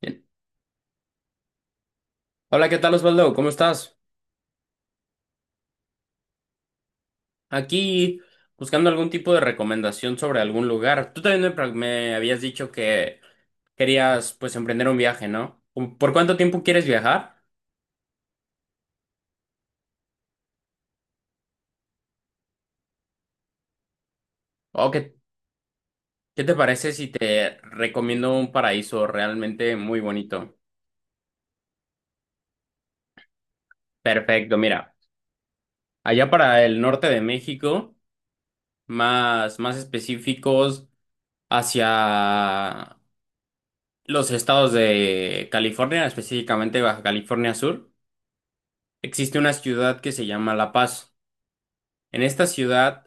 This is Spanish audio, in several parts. Bien. Hola, ¿qué tal Osvaldo? ¿Cómo estás? Aquí buscando algún tipo de recomendación sobre algún lugar. Tú también me habías dicho que querías pues emprender un viaje, ¿no? ¿Por cuánto tiempo quieres viajar? ¿O qué te parece si te recomiendo un paraíso realmente muy bonito? Perfecto, mira, allá para el norte de México, más específicos hacia los estados de California, específicamente Baja California Sur. Existe una ciudad que se llama La Paz. En esta ciudad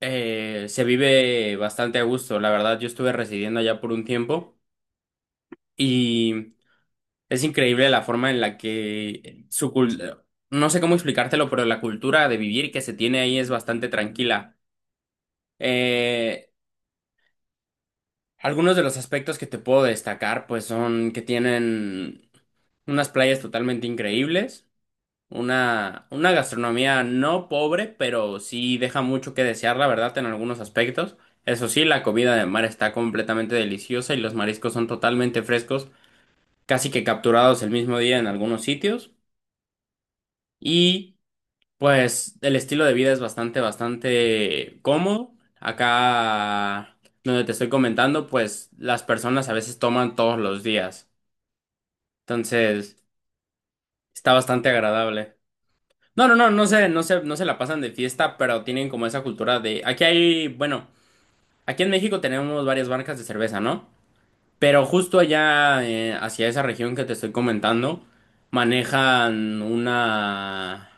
se vive bastante a gusto. La verdad, yo estuve residiendo allá por un tiempo y es increíble la forma en la que su cultura, no sé cómo explicártelo, pero la cultura de vivir que se tiene ahí es bastante tranquila. Eh, algunos de los aspectos que te puedo destacar, pues son que tienen unas playas totalmente increíbles. Una gastronomía no pobre, pero sí deja mucho que desear, la verdad, en algunos aspectos. Eso sí, la comida de mar está completamente deliciosa y los mariscos son totalmente frescos, casi que capturados el mismo día en algunos sitios. Y pues el estilo de vida es bastante, bastante cómodo. Acá donde te estoy comentando, pues las personas a veces toman todos los días. Entonces, está bastante agradable. No, no, no, no se la pasan de fiesta, pero tienen como esa cultura de... bueno, aquí en México tenemos varias marcas de cerveza, ¿no? Pero justo allá, hacia esa región que te estoy comentando, manejan una,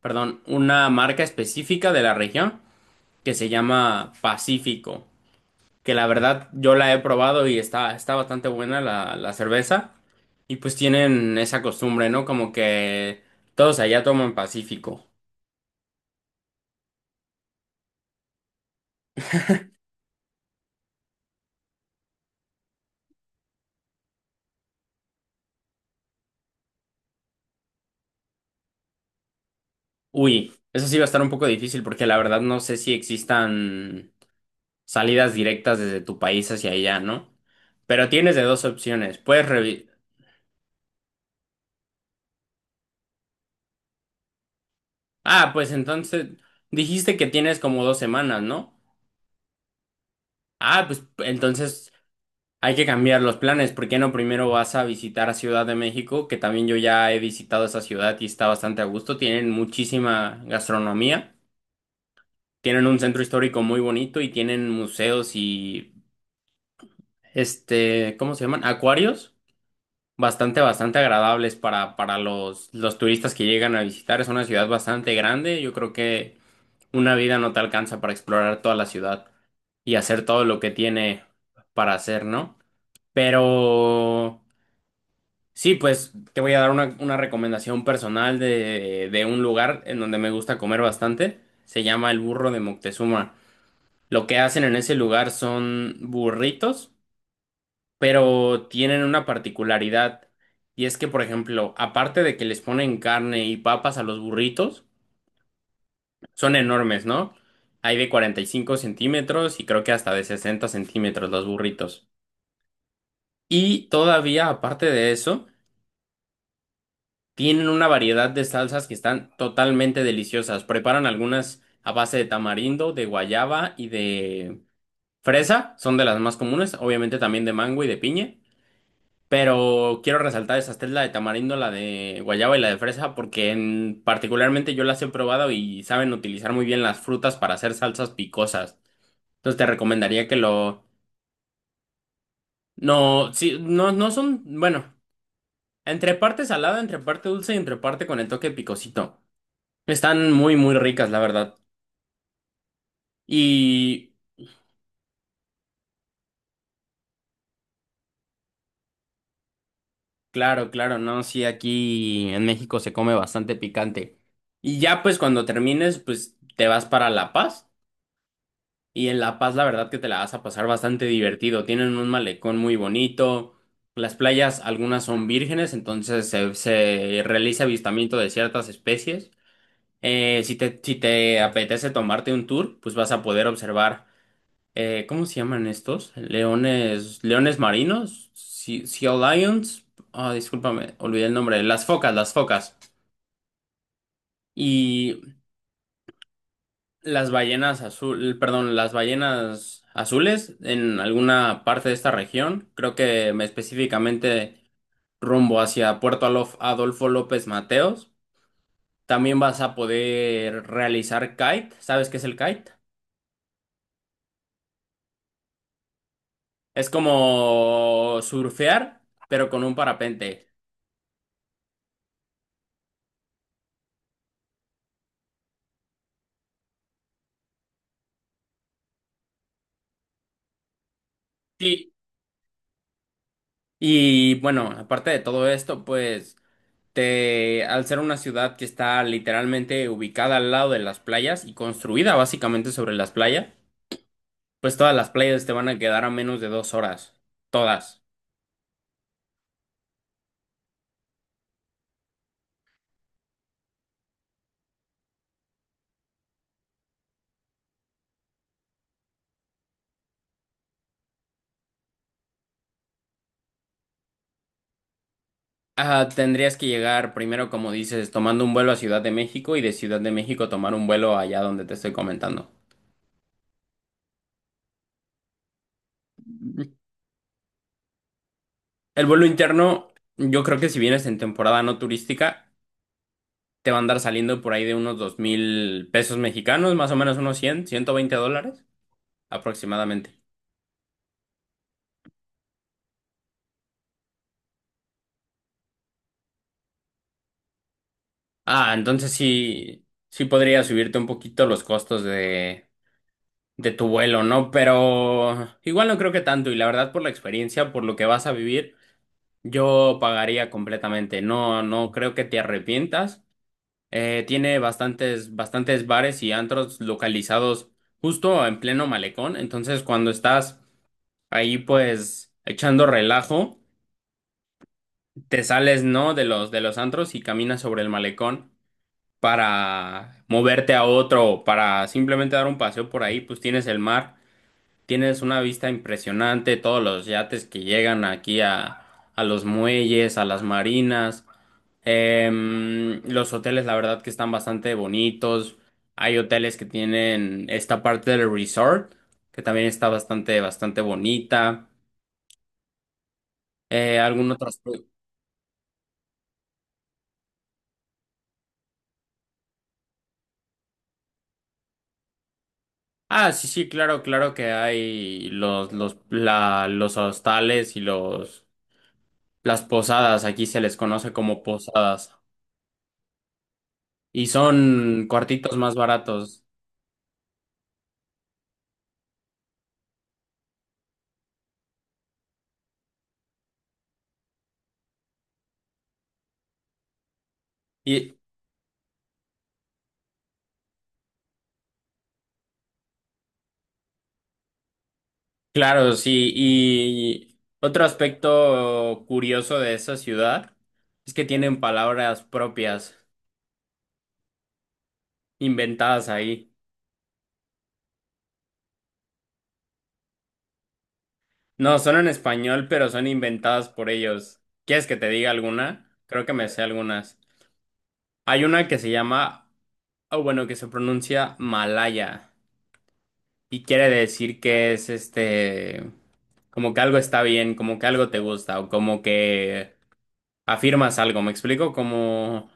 perdón, una marca específica de la región que se llama Pacífico, que la verdad yo la he probado y está bastante buena la cerveza. Y pues tienen esa costumbre, ¿no? Como que todos allá toman Pacífico. Uy, eso sí va a estar un poco difícil porque la verdad no sé si existan salidas directas desde tu país hacia allá, ¿no? Pero tienes de dos opciones. Puedes revisar. Ah, pues entonces dijiste que tienes como 2 semanas, ¿no? Ah, pues entonces hay que cambiar los planes. ¿Por qué no primero vas a visitar a Ciudad de México? Que también yo ya he visitado esa ciudad y está bastante a gusto. Tienen muchísima gastronomía. Tienen un centro histórico muy bonito y tienen museos y ¿cómo se llaman? Acuarios bastante, bastante agradables para, los turistas que llegan a visitar. Es una ciudad bastante grande. Yo creo que una vida no te alcanza para explorar toda la ciudad y hacer todo lo que tiene para hacer, ¿no? Pero sí, pues te voy a dar una recomendación personal de un lugar en donde me gusta comer bastante. Se llama el Burro de Moctezuma. Lo que hacen en ese lugar son burritos, pero tienen una particularidad y es que, por ejemplo, aparte de que les ponen carne y papas a los burritos, son enormes, ¿no? Hay de 45 centímetros y creo que hasta de 60 centímetros los burritos. Y todavía, aparte de eso, tienen una variedad de salsas que están totalmente deliciosas. Preparan algunas a base de tamarindo, de guayaba y de fresa, son de las más comunes, obviamente también de mango y de piña. Pero quiero resaltar esas tres, la de tamarindo, la de guayaba y la de fresa, porque en, particularmente yo las he probado y saben utilizar muy bien las frutas para hacer salsas picosas. Entonces te recomendaría que lo... No, sí, no, no son... Bueno, entre parte salada, entre parte dulce y entre parte con el toque picosito. Están muy, muy ricas, la verdad. Y claro, claro, no, sí, aquí en México se come bastante picante. Y ya pues cuando termines, pues te vas para La Paz. Y en La Paz, la verdad que te la vas a pasar bastante divertido. Tienen un malecón muy bonito. Las playas, algunas son vírgenes, entonces se realiza avistamiento de ciertas especies. Si te, apetece tomarte un tour, pues vas a poder observar, ¿cómo se llaman estos? Leones, leones marinos, sea lions. Ah, discúlpame, olvidé el nombre. Las focas, las focas. Y las ballenas azul, perdón, las ballenas azules en alguna parte de esta región, creo que específicamente rumbo hacia Puerto Adolfo López Mateos. También vas a poder realizar kite. ¿Sabes qué es el kite? Es como surfear, pero con un parapente. Sí. Y bueno, aparte de todo esto, pues te, al ser una ciudad que está literalmente ubicada al lado de las playas y construida básicamente sobre las playas, pues todas las playas te van a quedar a menos de 2 horas. Todas. Ah, tendrías que llegar primero, como dices, tomando un vuelo a Ciudad de México y de Ciudad de México tomar un vuelo allá donde te estoy comentando. El vuelo interno, yo creo que si vienes en temporada no turística, te va a andar saliendo por ahí de unos 2,000 pesos mexicanos, más o menos unos 100, 120 dólares aproximadamente. Ah, entonces sí, sí podría subirte un poquito los costos de tu vuelo, ¿no? Pero igual no creo que tanto y la verdad por la experiencia, por lo que vas a vivir, yo pagaría completamente. No, no creo que te arrepientas. Tiene bastantes, bastantes bares y antros localizados justo en pleno malecón, entonces cuando estás ahí pues echando relajo, te sales, ¿no? de los, antros y caminas sobre el malecón, para moverte a otro, para simplemente dar un paseo por ahí, pues tienes el mar. Tienes una vista impresionante, todos los yates que llegan aquí a los muelles, a las marinas. Los hoteles, la verdad que están bastante bonitos. Hay hoteles que tienen esta parte del resort, que también está bastante, bastante bonita. Algún otro... Ah, sí, sí, claro, claro que hay los, los hostales y las posadas. Aquí se les conoce como posadas. Y son cuartitos más baratos. Y claro, sí. Y otro aspecto curioso de esa ciudad es que tienen palabras propias, inventadas ahí. No, son en español, pero son inventadas por ellos. ¿Quieres que te diga alguna? Creo que me sé algunas. Hay una que se llama, o bueno, que se pronuncia Malaya y quiere decir que es como que algo está bien, como que algo te gusta o como que afirmas algo, ¿me explico? Como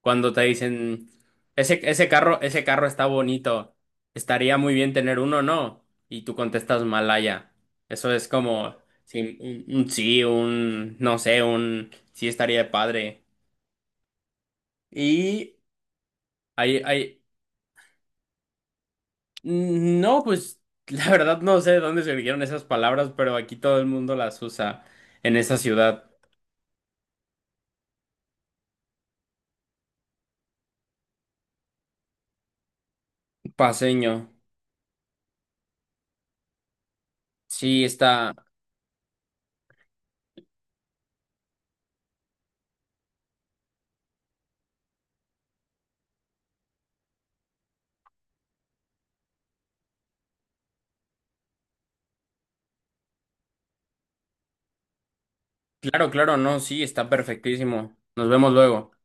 cuando te dicen, ese, ese carro está bonito, estaría muy bien tener uno, ¿no? Y tú contestas Malaya. Eso es como sí, un sí, un no sé, un sí estaría padre. Y hay, hay, no, pues la verdad no sé de dónde surgieron esas palabras, pero aquí todo el mundo las usa en esa ciudad paseño. Sí, está. Claro, claro, no, sí, está perfectísimo. Nos vemos luego.